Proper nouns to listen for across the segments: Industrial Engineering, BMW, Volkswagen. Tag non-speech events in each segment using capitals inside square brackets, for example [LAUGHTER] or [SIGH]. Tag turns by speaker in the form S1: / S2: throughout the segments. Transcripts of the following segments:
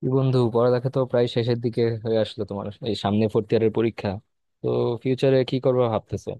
S1: কি বন্ধু, পড়ালেখা তো প্রায় শেষের দিকে হয়ে আসলো। তোমার এই সামনে ফোর্থ ইয়ারের পরীক্ষা, তো ফিউচারে কি করবা ভাবতেছো?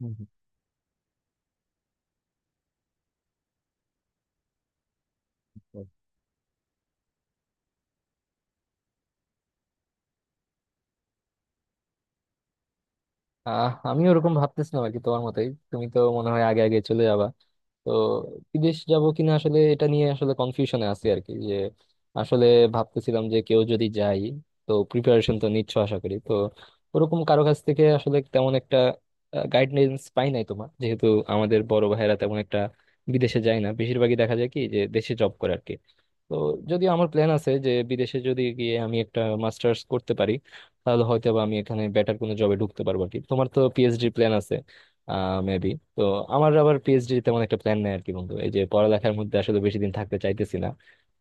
S1: হুম। হুম। আমি ওরকম ভাবতেছিলাম আর কি, তোমার মতোই। তুমি তো মনে হয় আগে আগে চলে যাবা। তো বিদেশ যাব কিনা, আসলে এটা নিয়ে আসলে কনফিউশনে আছি আর কি। যে আসলে ভাবতেছিলাম যে কেউ যদি যাই, তো প্রিপারেশন তো নিচ্ছ আশা করি। তো ওরকম কারো কাছ থেকে আসলে তেমন একটা গাইডলাইন্স পাই নাই তোমার। যেহেতু আমাদের বড় ভাইয়েরা তেমন একটা বিদেশে যায় না, বেশিরভাগই দেখা যায় কি, যে দেশে জব করে আর কি। তো যদি আমার প্ল্যান আছে যে বিদেশে যদি গিয়ে আমি একটা মাস্টার্স করতে পারি, তাহলে হয়তো বা আমি এখানে বেটার কোনো জবে ঢুকতে পারবো আর কি। তোমার তো পিএইচডি প্ল্যান আছে মেবি। তো আমার আবার পিএইচডি তেমন একটা প্ল্যান নেই আর কি বন্ধু। এই যে পড়ালেখার মধ্যে আসলে বেশি দিন থাকতে চাইতেছি না।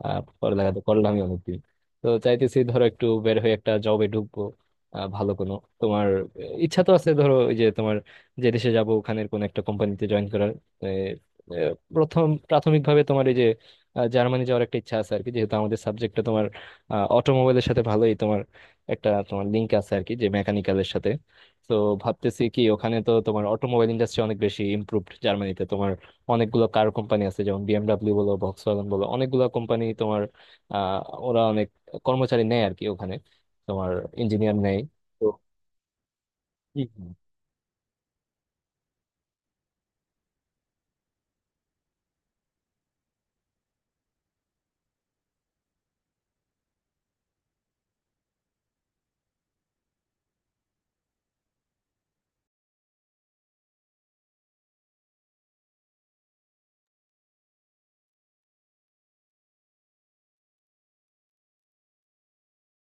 S1: পড়ালেখা তো করলামই অনেকদিন। তো চাইতেছি ধরো একটু বের হয়ে একটা জবে ঢুকবো। আহ, ভালো কোনো তোমার আহ, ইচ্ছা তো আছে ধরো, ওই যে তোমার যে দেশে যাবো ওখানের কোনো একটা কোম্পানিতে জয়েন করার। আহ, আহ, প্রথম প্রাথমিকভাবে তোমার এই যে জার্মানি যাওয়ার একটা ইচ্ছা আছে আর কি। যেহেতু আমাদের সাবজেক্টটা তোমার অটোমোবাইলের সাথে ভালোই তোমার একটা তোমার লিঙ্ক আছে আর কি, যে মেকানিক্যালের সাথে। তো ভাবতেছি কি, ওখানে তো তোমার অটোমোবাইল ইন্ডাস্ট্রি অনেক বেশি ইমপ্রুভড। জার্মানিতে তোমার অনেকগুলো কার কোম্পানি আছে, যেমন বিএমডাব্লিউ বলো, ভক্সওয়াগন বলো, অনেকগুলো কোম্পানি তোমার। আহ ওরা অনেক কর্মচারী নেয় আর কি ওখানে, তোমার ইঞ্জিনিয়ার নেয়। তো হুম।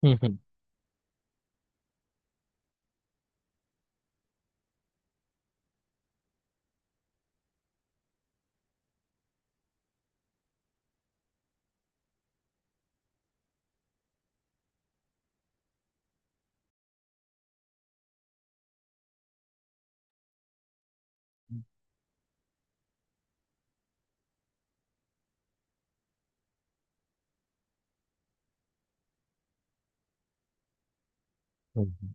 S1: হুম। হুম। হুম। হুম।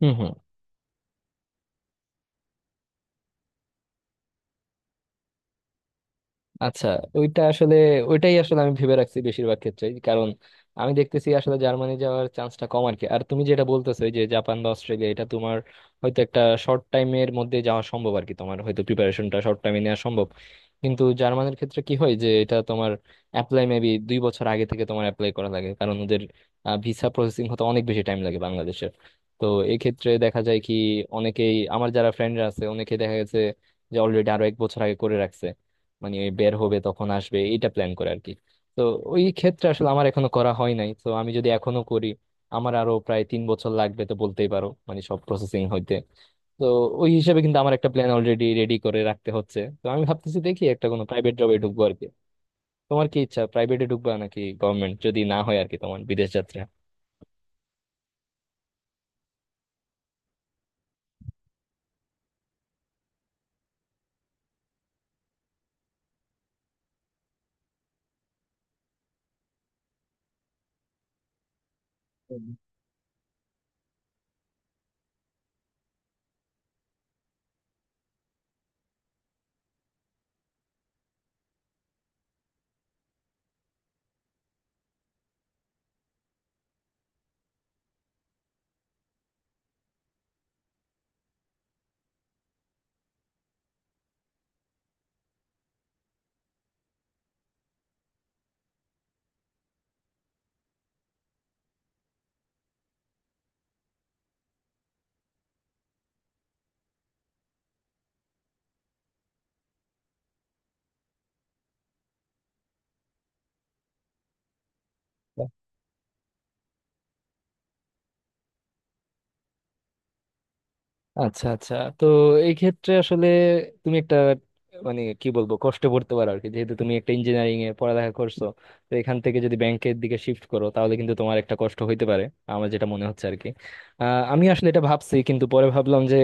S1: হুম। হুম। আচ্ছা, ওইটা আসলে, ওইটাই আসলে আমি ভেবে রাখছি বেশিরভাগ ক্ষেত্রেই। কারণ আমি দেখতেছি আসলে জার্মানি যাওয়ার চান্সটা কম আর কি। আর তুমি যেটা বলতেছো, এই যে জাপান বা অস্ট্রেলিয়া, এটা তোমার হয়তো একটা শর্ট টাইমের মধ্যে যাওয়া সম্ভব আর কি। তোমার হয়তো প্রিপারেশনটা শর্ট টাইমে নেওয়া সম্ভব। কিন্তু জার্মানির ক্ষেত্রে কি হয়, যে এটা তোমার অ্যাপ্লাই মেবি 2 বছর আগে থেকে তোমার অ্যাপ্লাই করা লাগে, কারণ ওদের ভিসা প্রসেসিং হতে অনেক বেশি টাইম লাগে বাংলাদেশের। তো এই ক্ষেত্রে দেখা যায় কি, অনেকেই আমার যারা ফ্রেন্ডরা আছে, অনেকে দেখা গেছে যে অলরেডি আরো এক বছর আগে করে রাখছে। মানে বের হবে তখন আসবে, এটা প্ল্যান করে আর কি। তো ওই ক্ষেত্রে আসলে আমার এখনো করা হয় নাই। তো আমি যদি এখনো করি, আমার আরো প্রায় 3 বছর লাগবে তো বলতেই পারো, মানে সব প্রসেসিং হইতে। তো ওই হিসেবে কিন্তু আমার একটা প্ল্যান অলরেডি রেডি করে রাখতে হচ্ছে। তো আমি ভাবতেছি দেখি একটা কোনো প্রাইভেট জবে ঢুকবো আর কি। তোমার কি ইচ্ছা, প্রাইভেটে ঢুকবা নাকি গভর্নমেন্ট, যদি না হয় আর কি তোমার বিদেশ যাত্রা? আচ্ছা আচ্ছা। তো এই ক্ষেত্রে আসলে তুমি একটা মানে কি বলবো, কষ্ট করতে পারো আর কি। যেহেতু তুমি একটা ইঞ্জিনিয়ারিং এ পড়ালেখা করছো, তো এখান থেকে যদি ব্যাংকের দিকে শিফট করো, তাহলে কিন্তু তোমার একটা কষ্ট হইতে পারে আমার যেটা মনে হচ্ছে আর কি। আহ, আমি আসলে এটা ভাবছি, কিন্তু পরে ভাবলাম যে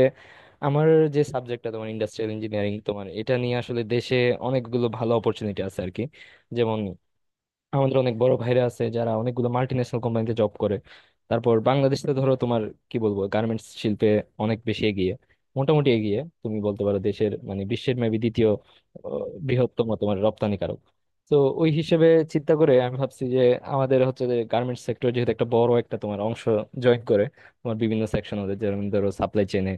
S1: আমার যে সাবজেক্টটা তোমার ইন্ডাস্ট্রিয়াল ইঞ্জিনিয়ারিং, তোমার এটা নিয়ে আসলে দেশে অনেকগুলো ভালো অপরচুনিটি আছে আর কি। যেমন আমাদের অনেক বড় ভাইরা আছে যারা অনেকগুলো মাল্টি ন্যাশনাল কোম্পানিতে জব করে। তারপর বাংলাদেশ তো ধরো তোমার কি বলবো, গার্মেন্টস শিল্পে অনেক বেশি এগিয়ে, মোটামুটি এগিয়ে। তুমি বলতে পারো দেশের মানে বিশ্বের মেবি দ্বিতীয় বৃহত্তম তোমার রপ্তানিকারক। তো ওই হিসেবে চিন্তা করে আমি ভাবছি যে আমাদের হচ্ছে যে গার্মেন্টস সেক্টর, যেহেতু একটা বড় একটা তোমার অংশ, জয়েন করে তোমার বিভিন্ন সেকশন ওদের, যেমন ধরো সাপ্লাই চেনে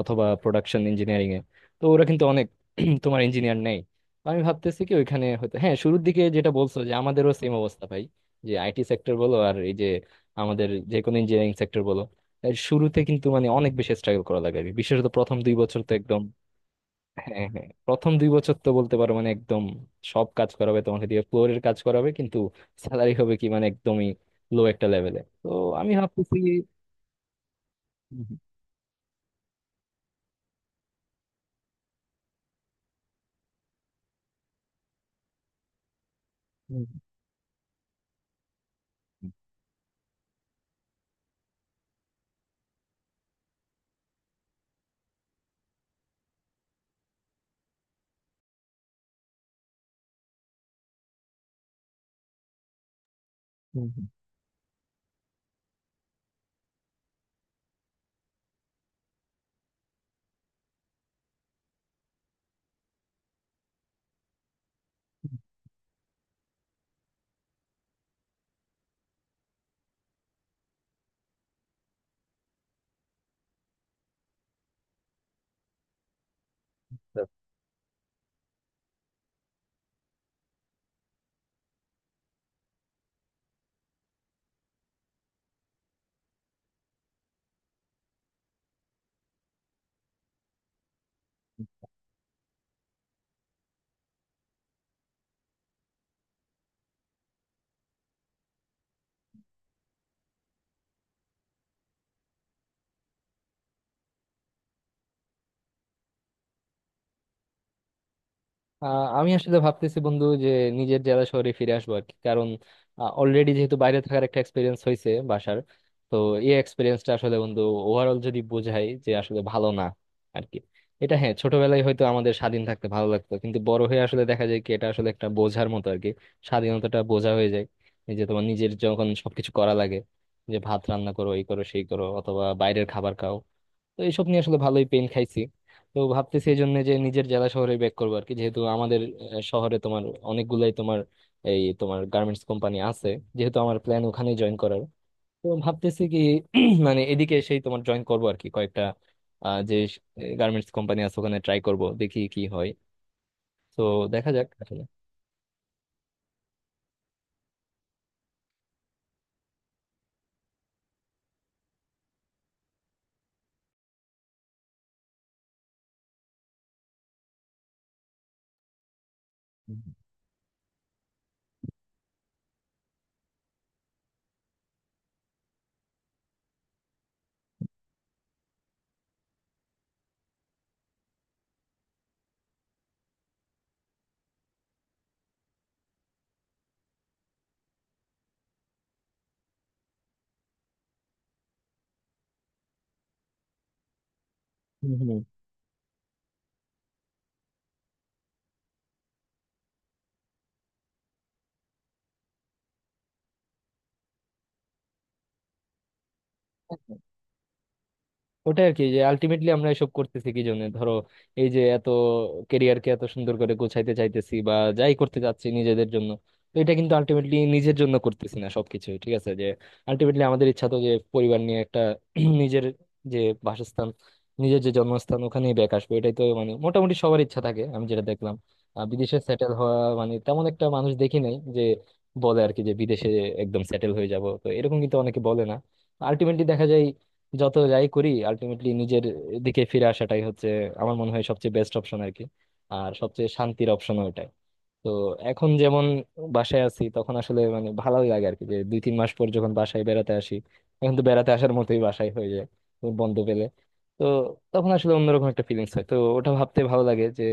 S1: অথবা প্রোডাকশন ইঞ্জিনিয়ারিং এ। তো ওরা কিন্তু অনেক [CLEARS THROAT] তোমার ইঞ্জিনিয়ার নেই। আমি ভাবতেছি কি ওইখানে হয়তো, হ্যাঁ, শুরুর দিকে যেটা বলছো যে আমাদেরও সেম অবস্থা ভাই। যে আইটি সেক্টর বলো, আর এই যে আমাদের যে কোনো ইঞ্জিনিয়ারিং সেক্টর বলো, এর শুরুতে কিন্তু মানে অনেক বেশি স্ট্রাগল করা লাগে, বিশেষত প্রথম 2 বছর তো একদম। হ্যাঁ, হ্যাঁ, প্রথম 2 বছর তো বলতে পারো মানে একদম সব কাজ করাবে তোমাকে দিয়ে, ফ্লোরের কাজ করাবে, কিন্তু স্যালারি হবে কি মানে একদমই লো একটা লেভেলে। তো আমি ভাবতেছি। হুম, হুম, হুম, হুম, হুম। আমি আসলে ভাবতেছি বন্ধু যে নিজের জেলা শহরে ফিরে আসবো আর কি। কারণ অলরেডি যেহেতু বাইরে থাকার একটা এক্সপিরিয়েন্স হয়েছে বাসার, তো এই এক্সপিরিয়েন্সটা আসলে বন্ধু ওভারঅল যদি বোঝাই, যে আসলে ভালো না আর কি। এটা হ্যাঁ, ছোটবেলায় হয়তো আমাদের স্বাধীন থাকতে ভালো লাগতো, কিন্তু বড় হয়ে আসলে দেখা যায় কি, এটা আসলে একটা বোঝার মতো আর কি। স্বাধীনতাটা বোঝা হয়ে যায়। এই যে তোমার নিজের যখন সবকিছু করা লাগে, যে ভাত রান্না করো, এই করো, সেই করো, অথবা বাইরের খাবার খাও, তো এইসব নিয়ে আসলে ভালোই পেন খাইছি। তো ভাবতেছি এই জন্য যে নিজের জেলা শহরে ব্যাক করবো আর কি। যেহেতু আমাদের শহরে তোমার অনেকগুলাই তোমার এই তোমার গার্মেন্টস কোম্পানি আছে, যেহেতু আমার প্ল্যান ওখানে জয়েন করার। তো ভাবতেছি কি [CLEARS THROAT] মানে এদিকে সেই তোমার জয়েন করবো আর কি কয়েকটা যে গার্মেন্টস কোম্পানি আছে, ওখানে ট্রাই করব, দেখি কি হয়। তো দেখা যাক আসলে। হুম, হুম। ওটাই আর কি যে আলটিমেটলি আমরা এসব করতেছি কি জন্য ধরো। এই যে এত কেরিয়ারকে এত সুন্দর করে গোছাইতে চাইতেছি বা যাই করতে চাচ্ছি নিজেদের জন্য, তো এটা কিন্তু আলটিমেটলি নিজের জন্য করতেছি না সবকিছু ঠিক আছে যে। আলটিমেটলি আমাদের ইচ্ছা তো যে পরিবার নিয়ে একটা [CLEARS THROAT] নিজের যে বাসস্থান, নিজের যে জন্মস্থান, ওখানেই ব্যাক আসবো। এটাই তো মানে মোটামুটি সবার ইচ্ছা থাকে আমি যেটা দেখলাম। বিদেশে সেটেল হওয়া মানে তেমন একটা মানুষ দেখি নাই যে বলে আর কি, যে বিদেশে একদম সেটেল হয়ে যাব, তো এরকম কিন্তু অনেকে বলে না। আলটিমেটলি দেখা যায় যত যাই করি, আলটিমেটলি নিজের দিকে ফিরে আসাটাই হচ্ছে আমার মনে হয় সবচেয়ে বেস্ট অপশন আর কি। আর সবচেয়ে শান্তির অপশন ওইটাই। তো এখন যেমন বাসায় আছি তখন আসলে মানে ভালোই লাগে আর কি, যে দুই তিন মাস পর যখন বাসায় বেড়াতে আসি, এখন তো বেড়াতে আসার মতোই বাসায় হয়ে যায়, তো বন্ধ পেলে। তো তখন আসলে অন্যরকম একটা ফিলিংস হয়। তো ওটা ভাবতে ভালো লাগে যে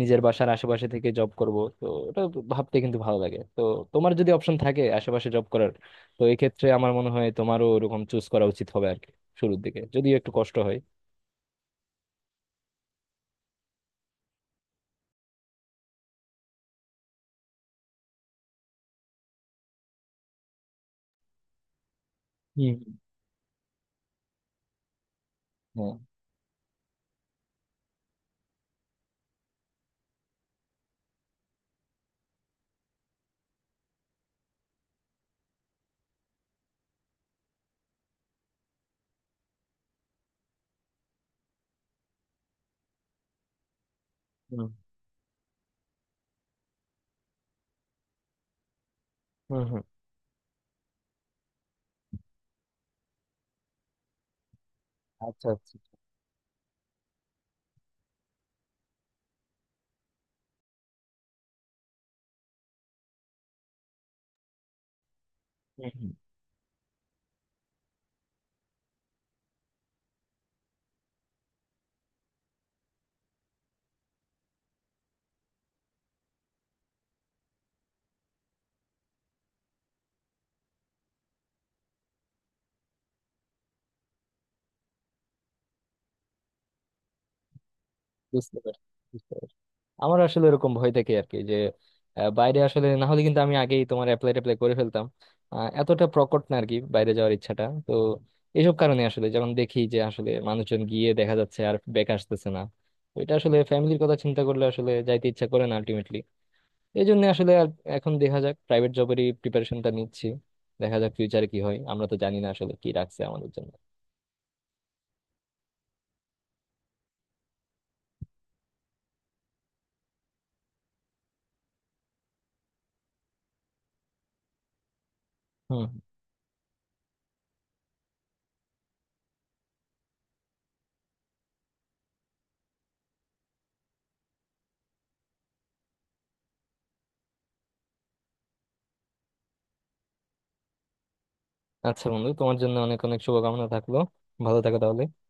S1: নিজের বাসার আশেপাশে থেকে জব করব, তো ওটা ভাবতে কিন্তু ভালো লাগে। তো তোমার যদি অপশন থাকে আশেপাশে জব করার, তো এই ক্ষেত্রে আমার মনে হয় তোমারও ওরকম চুজ করা উচিত হবে আর কি, শুরুর দিকে যদিও একটু কষ্ট হয়। হুম। হুম। হ্যাঁ। হুম। হুম। হুম। আচ্ছা আচ্ছা। হুম। হুম। বুঝতে পারছি। বুঝতে পারছি। আমার আসলে এরকম ভয় থেকে আর কি, যে বাইরে আসলে না হলে কিন্তু আমি আগেই তোমার অ্যাপ্লাই ট্যাপ্লাই করে ফেলতাম। এতটা প্রকট না আর কি বাইরে যাওয়ার ইচ্ছাটা। তো এইসব কারণে আসলে, যেমন দেখি যে আসলে মানুষজন গিয়ে দেখা যাচ্ছে আর ব্যাক আসতেছে না, তো এটা আসলে ফ্যামিলির কথা চিন্তা করলে আসলে যাইতে ইচ্ছা করে না আলটিমেটলি। এই জন্য আসলে আর এখন দেখা যাক, প্রাইভেট জবেরই প্রিপারেশনটা নিচ্ছি। দেখা যাক ফিউচারে কি হয়, আমরা তো জানি না আসলে কি রাখছে আমাদের জন্য। হুম। আচ্ছা বন্ধু, তোমার জন্য অনেক অনেক শুভকামনা থাকলো। ভালো থাকো তাহলে।